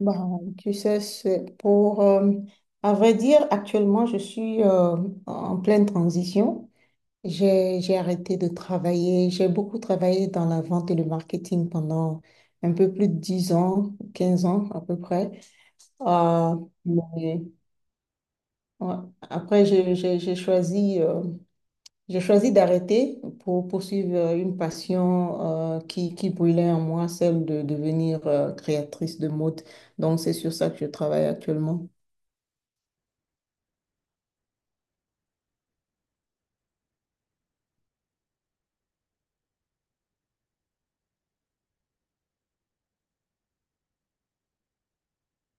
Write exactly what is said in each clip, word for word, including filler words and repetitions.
Bah, Tu sais, c'est pour, euh, à vrai dire, actuellement, je suis euh, en pleine transition. J'ai, j'ai arrêté de travailler. J'ai beaucoup travaillé dans la vente et le marketing pendant un peu plus de dix ans, quinze ans à peu près. Euh, mais, ouais. Après, j'ai j'ai- j'ai choisi, euh, j'ai choisi d'arrêter pour poursuivre euh, une passion euh, qui, qui brûlait en moi, celle de devenir euh, créatrice de mode. Donc, c'est sur ça que je travaille actuellement.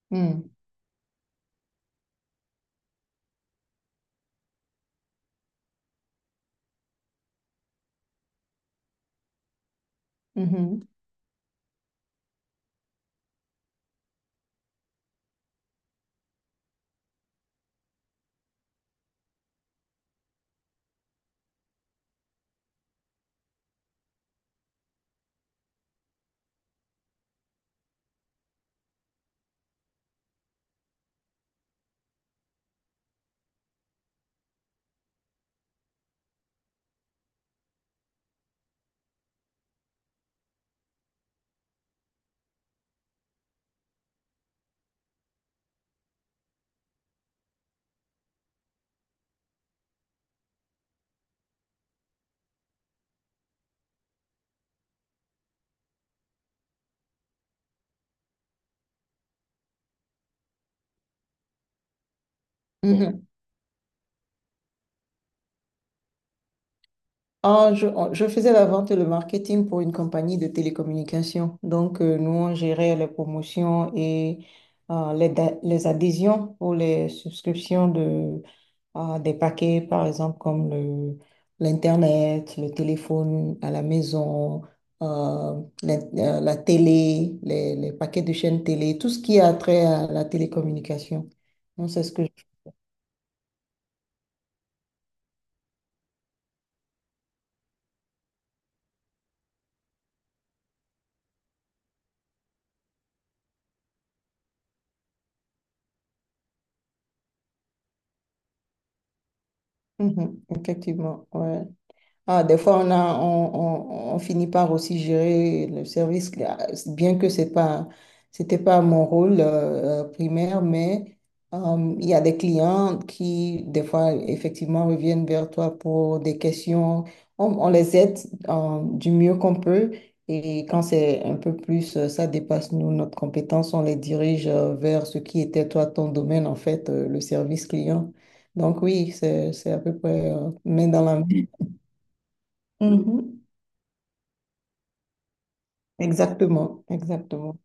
Hmm, mhm, mhm. Ah, je, on- je faisais la vente et le marketing pour une compagnie de télécommunications. Donc, euh, nous, on gérait les promotions et euh, les, da- les adhésions pour les subscriptions de, Ah, des paquets, par exemple, comme le, l'Internet, le téléphone à la maison, euh, la, euh, la télé, les, les paquets de chaînes télé, tout ce qui a trait à la télécommunication. Non, c'est ce que je... Mhm, effectivement, ouais. Ah, des fois, on a, on, on- on finit par aussi gérer le service. Ah, bien que c'est pas, c'était pas mon rôle euh, euh, primaire, mais euh, il y a des clients qui, des fois, effectivement, reviennent vers toi pour des questions. On, on les aide euh, du mieux qu'on peut. Et quand c'est un peu plus, euh, ça dépasse nous, notre compétence, on les dirige euh, vers ce qui était toi, ton domaine, en fait, euh, le service client. Donc oui, c'est, c'est à peu près euh, main dans la main. Mhm. Exactement, exactement.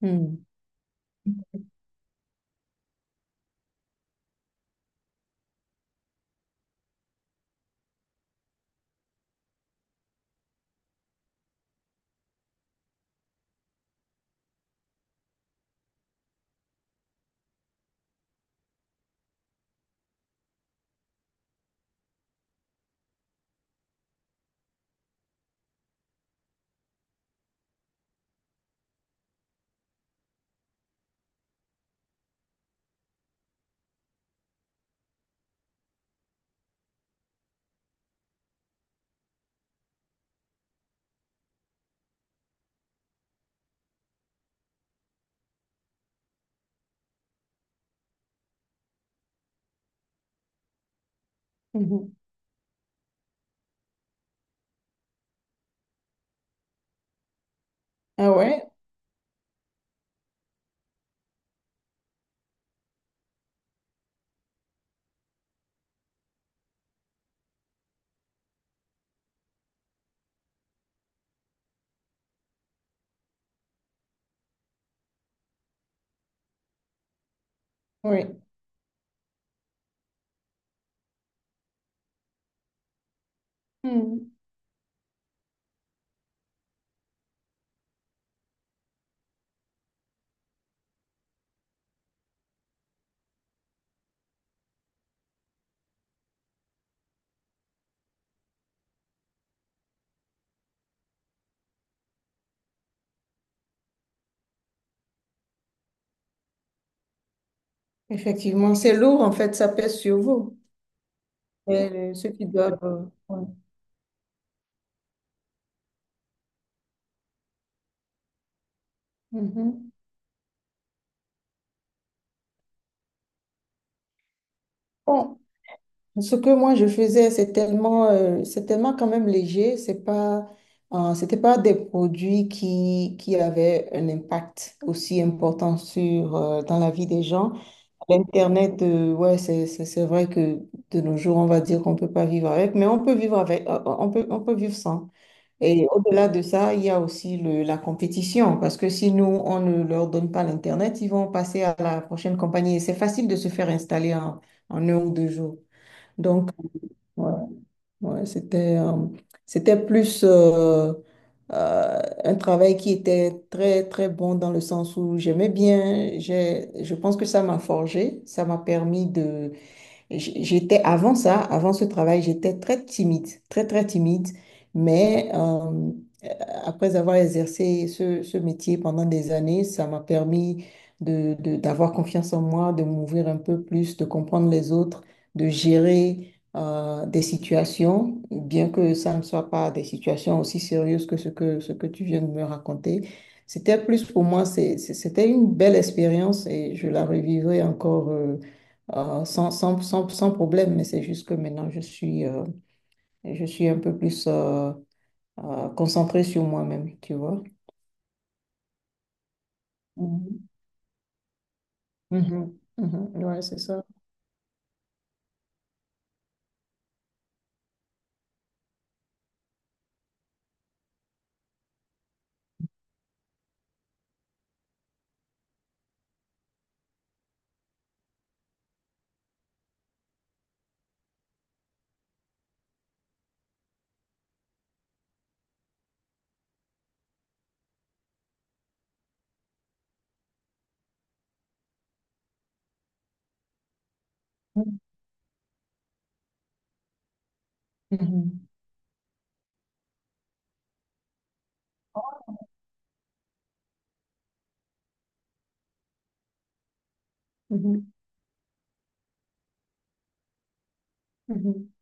Hmm, mhm. Ah ouais, oui. Hmm. Effectivement, c'est lourd en fait, ça pèse sur vous. Et, euh, ceux qui doivent. Euh, ouais. Mhm. Bon, ce que moi je faisais, c'est tellement, euh, c'est tellement quand même léger. C'est pas, euh, c'était pas des produits qui, qui avaient un impact aussi important sur euh, dans la vie des gens. L'Internet, euh, ouais, c'est, c'est c'est vrai que de nos jours, on va dire qu'on peut pas vivre avec, mais on peut vivre avec, euh, on peut, on peut vivre sans. Et au-delà de ça, il y a aussi le- la compétition, parce que si nous, on ne leur donne pas l'Internet, ils vont passer à la prochaine compagnie. Et c'est facile de se faire installer en, en un ou deux jours. Donc, ouais, ouais, c'était euh, c'était plus euh, euh, un travail qui était très, très bon dans le sens où j'aimais bien. J'ai, je pense que ça m'a forgé, ça m'a permis. J'étais avant ça, avant ce travail, j'étais très timide, très très timide, mais euh, après avoir exercé ce, ce métier pendant des années, ça m'a permis de, de- d'avoir confiance en moi, de m'ouvrir un peu plus, de comprendre les autres, de gérer euh, des situations, bien que ça ne soit pas des situations aussi sérieuses que ce que, ce que tu viens de me raconter. C'était plus pour moi, c'est- c'est- c'était une belle expérience et je la revivrai encore. Euh, euh, sans, sans, sans, sans problème, mais c'est juste que maintenant, je suis, euh, je suis un peu plus euh, euh, concentrée sur moi-même, tu vois. Mhm. Mhm. Mhm. Ouais, c'est ça. Mhm. Mhm. Mhm.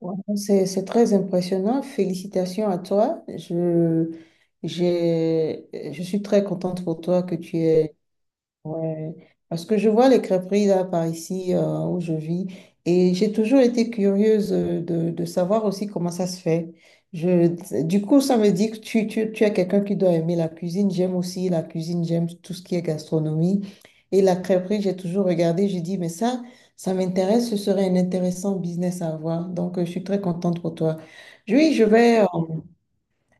Ouais. C'est, c'est très impressionnant. Félicitations à toi. Je, j'ai, je suis très contente pour toi que tu aies... Ouais, parce que je vois les crêperies là par ici euh, où je vis et j'ai toujours été curieuse euh, de, de savoir aussi comment ça se fait. Je, du coup, ça me dit que tu, tu, tu es quelqu'un qui doit aimer la cuisine. J'aime aussi la cuisine, j'aime tout ce qui est gastronomie. Et la crêperie, j'ai toujours regardé, j'ai dit, mais ça, ça m'intéresse, ce serait un intéressant business à avoir. Donc, euh, je suis très contente pour toi. Oui, je vais, euh,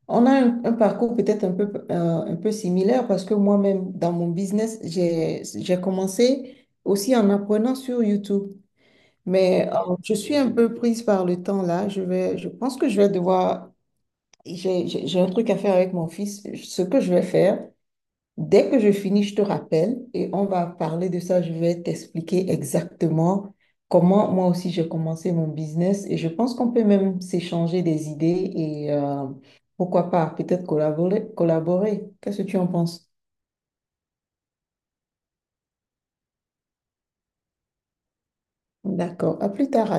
on a un, un parcours peut-être un peu, euh, un peu similaire parce que moi-même, dans mon business, j'ai, j'ai commencé aussi en apprenant sur YouTube. Mais euh, je suis un peu prise par le temps là. Je vais, je pense que je vais devoir, j'ai, j'ai j'ai un truc à faire avec mon fils. Ce que je vais faire, dès que je finis, je te rappelle et on va parler de ça. Je vais t'expliquer exactement comment moi aussi j'ai commencé mon business et je pense qu'on peut même s'échanger des idées et euh, pourquoi pas peut-être collaborer, collaborer. Qu'est-ce que tu en penses? D'accord, à plus tard.